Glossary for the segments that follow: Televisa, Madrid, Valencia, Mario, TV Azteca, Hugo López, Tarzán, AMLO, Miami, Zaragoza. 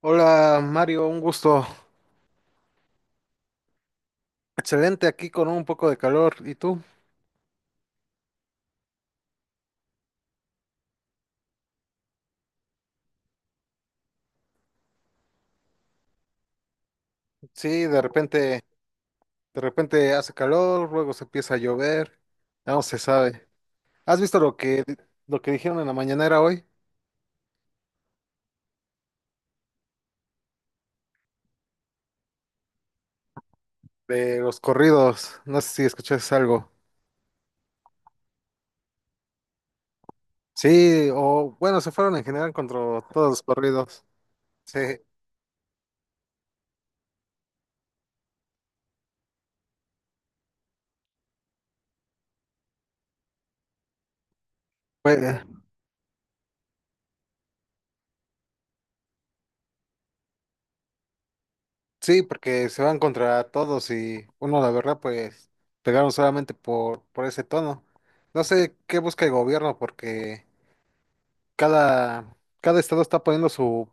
Hola Mario, un gusto. Excelente aquí con un poco de calor. ¿Y tú? Sí, de repente hace calor, luego se empieza a llover, ya no se sabe. ¿Has visto lo que dijeron en la mañanera hoy de los corridos? No sé si escuchaste algo. Sí, o bueno, se fueron en general contra todos los corridos. Sí, pues, sí, porque se van contra todos y uno, la verdad, pues pegaron solamente por ese tono. No sé qué busca el gobierno porque cada, cada estado está poniendo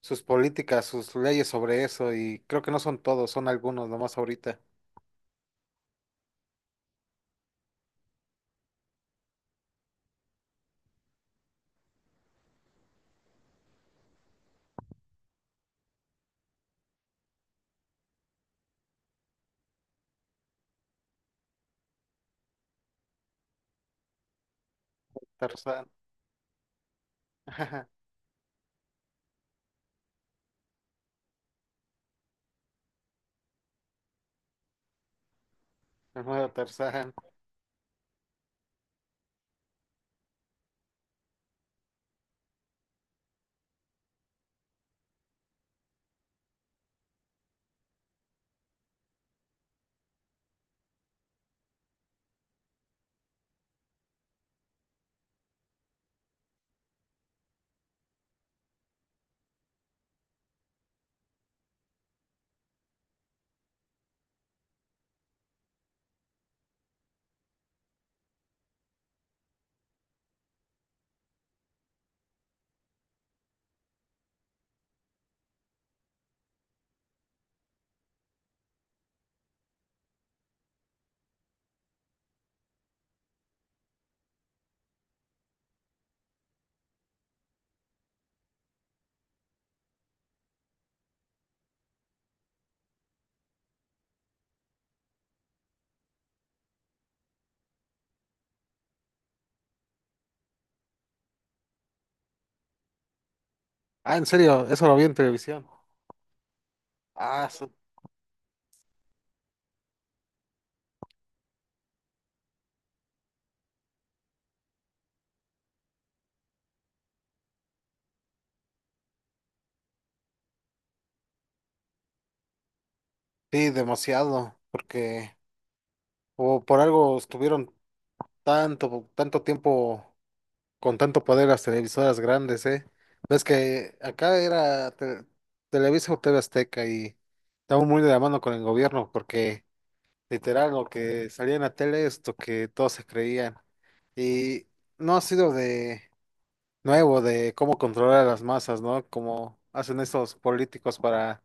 sus políticas, sus leyes sobre eso, y creo que no son todos, son algunos nomás ahorita. Tarzán, el nuevo Tarzán. Ah, en serio, eso lo vi en televisión. Ah, su- sí, demasiado, porque o por algo estuvieron tanto tiempo con tanto poder las televisoras grandes, ¿eh? Ves que Televisa o TV Azteca y estamos muy de la mano con el gobierno porque literal lo que salía en la tele es lo que todos se creían. Y no ha sido de nuevo de cómo controlar a las masas, ¿no? Como hacen estos políticos para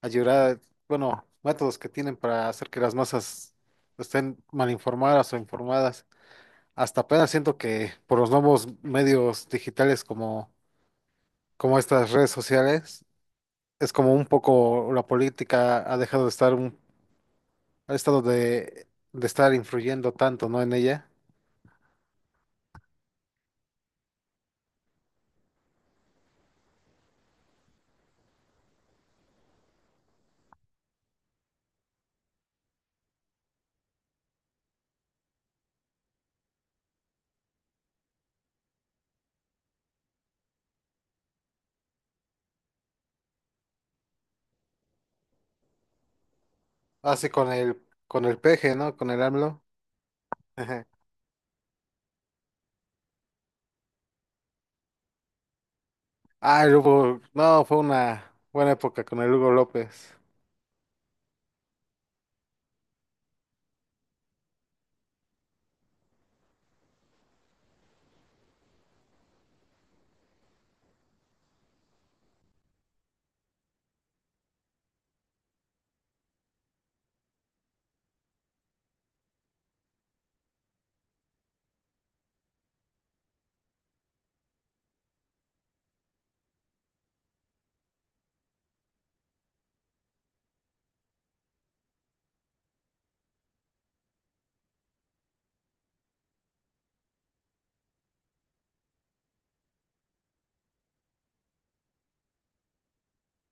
ayudar, bueno, métodos que tienen para hacer que las masas estén mal informadas o informadas. Hasta apenas siento que por los nuevos medios digitales como estas redes sociales, es como un poco la política ha dejado de estar un, ha estado de estar influyendo tanto, ¿no? En ella. Así con el peje, ¿no? Con el AMLO. Ajá. Ah, el Hugo, no, fue una buena época con el Hugo López.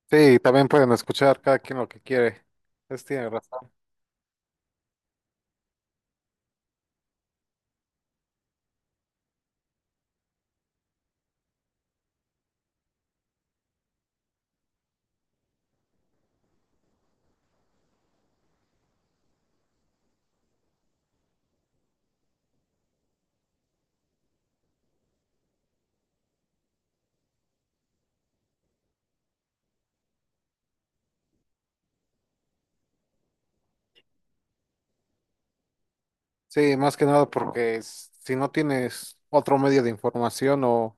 Sí, también pueden escuchar cada quien lo que quiere. Es tiene razón. Sí, más que nada porque si no tienes otro medio de información o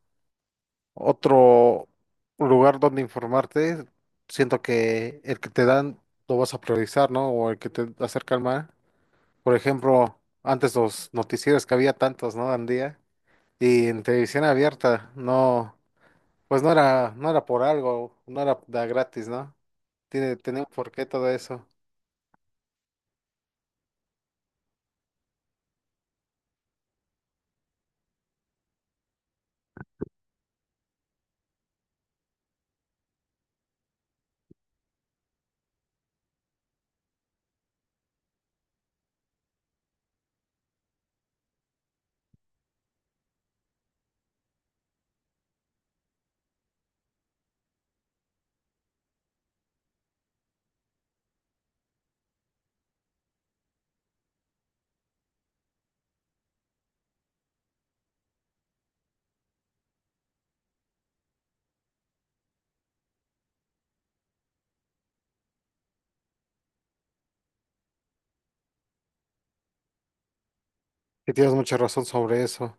otro lugar donde informarte, siento que el que te dan lo vas a priorizar, ¿no? O el que te acerca al mar. Por ejemplo, antes los noticieros que había tantos, ¿no? Al día. Y en televisión abierta, no, pues no era, no era por algo, no era da gratis, ¿no? Tenía un porqué todo eso. Y tienes mucha razón sobre eso.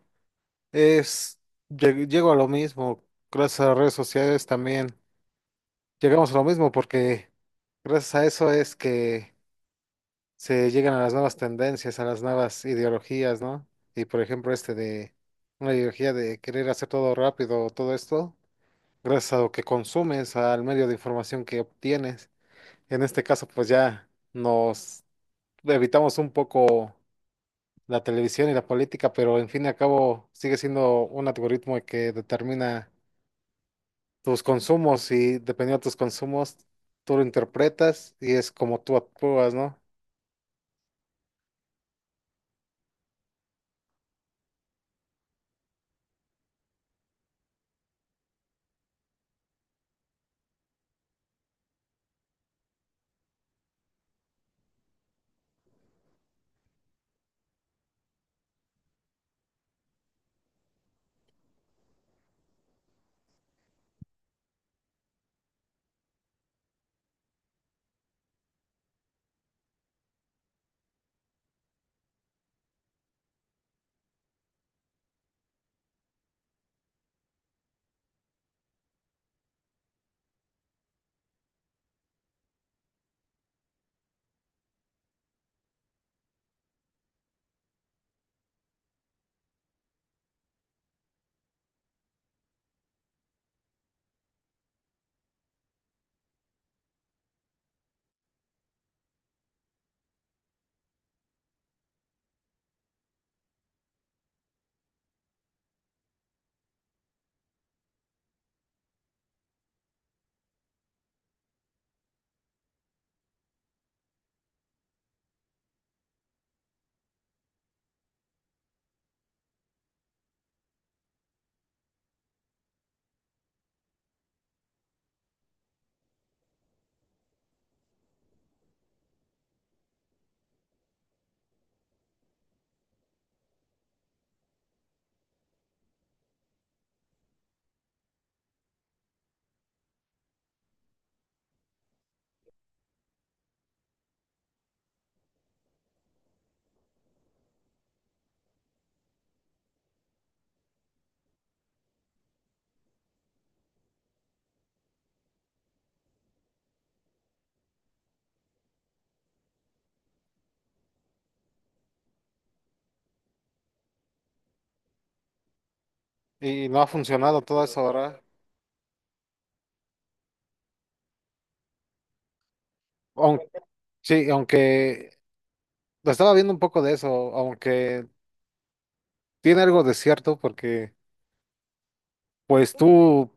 Es, llego a lo mismo, gracias a las redes sociales también. Llegamos a lo mismo porque gracias a eso es que se llegan a las nuevas tendencias, a las nuevas ideologías, ¿no? Y por ejemplo, este de una ideología de querer hacer todo rápido, todo esto, gracias a lo que consumes, al medio de información que obtienes. En este caso, pues ya nos evitamos un poco la televisión y la política, pero en fin y al cabo sigue siendo un algoritmo que determina tus consumos y dependiendo de tus consumos, tú lo interpretas y es como tú actúas, ¿no? Y no ha funcionado todo eso, ¿verdad? Aunque, sí, aunque lo estaba viendo un poco de eso, aunque tiene algo de cierto porque... Pues tú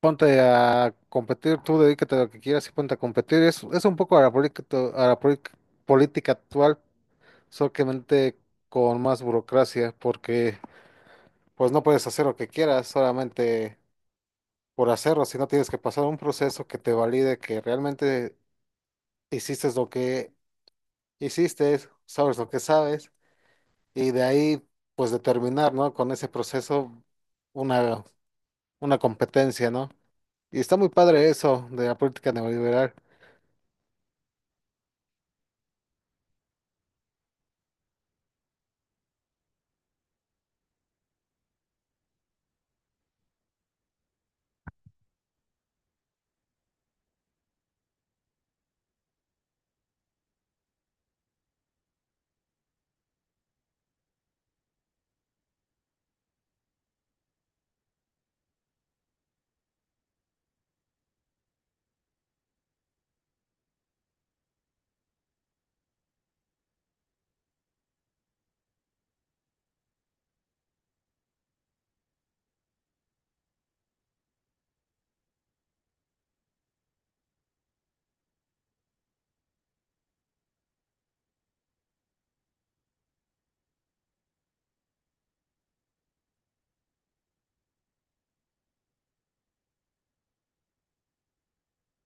ponte a competir, tú dedícate a lo que quieras y ponte a competir. Es un poco a política, a la polic- política actual, solamente con más burocracia, porque pues no puedes hacer lo que quieras solamente por hacerlo, sino tienes que pasar un proceso que te valide que realmente hiciste lo que hiciste, sabes lo que sabes, y de ahí pues determinar, ¿no? Con ese proceso una, una competencia, ¿no? Y está muy padre eso de la política neoliberal.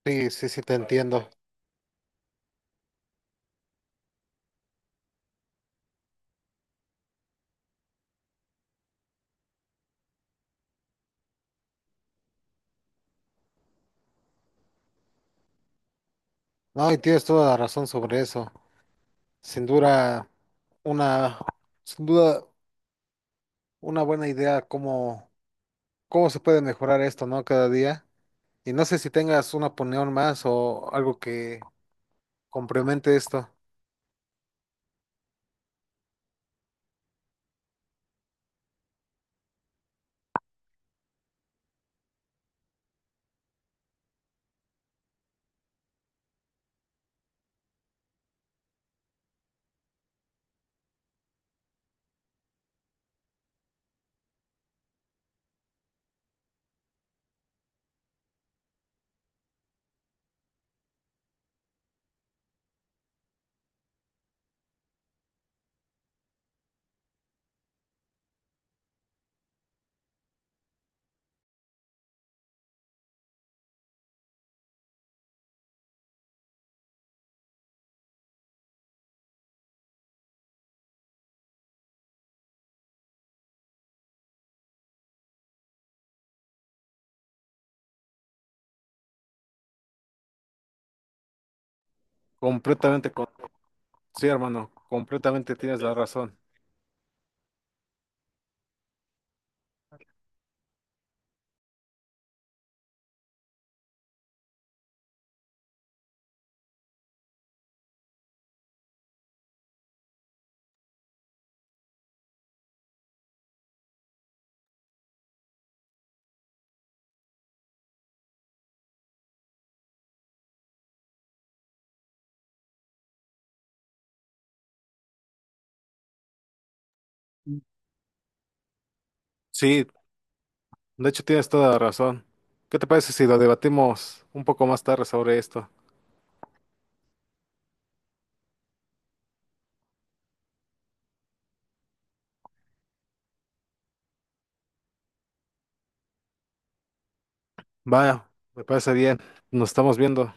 Sí, sí, sí, te entiendo. No, y tienes toda la razón sobre eso. Sin duda, una, sin duda, una buena idea cómo se puede mejorar esto, ¿no? Cada día. Y no sé si tengas una opinión más o algo que complemente esto. Completamente, con- sí, hermano, completamente tienes la razón. Sí, de hecho tienes toda la razón. ¿Qué te parece si lo debatimos un poco más tarde sobre esto? Vaya, me parece bien. Nos estamos viendo.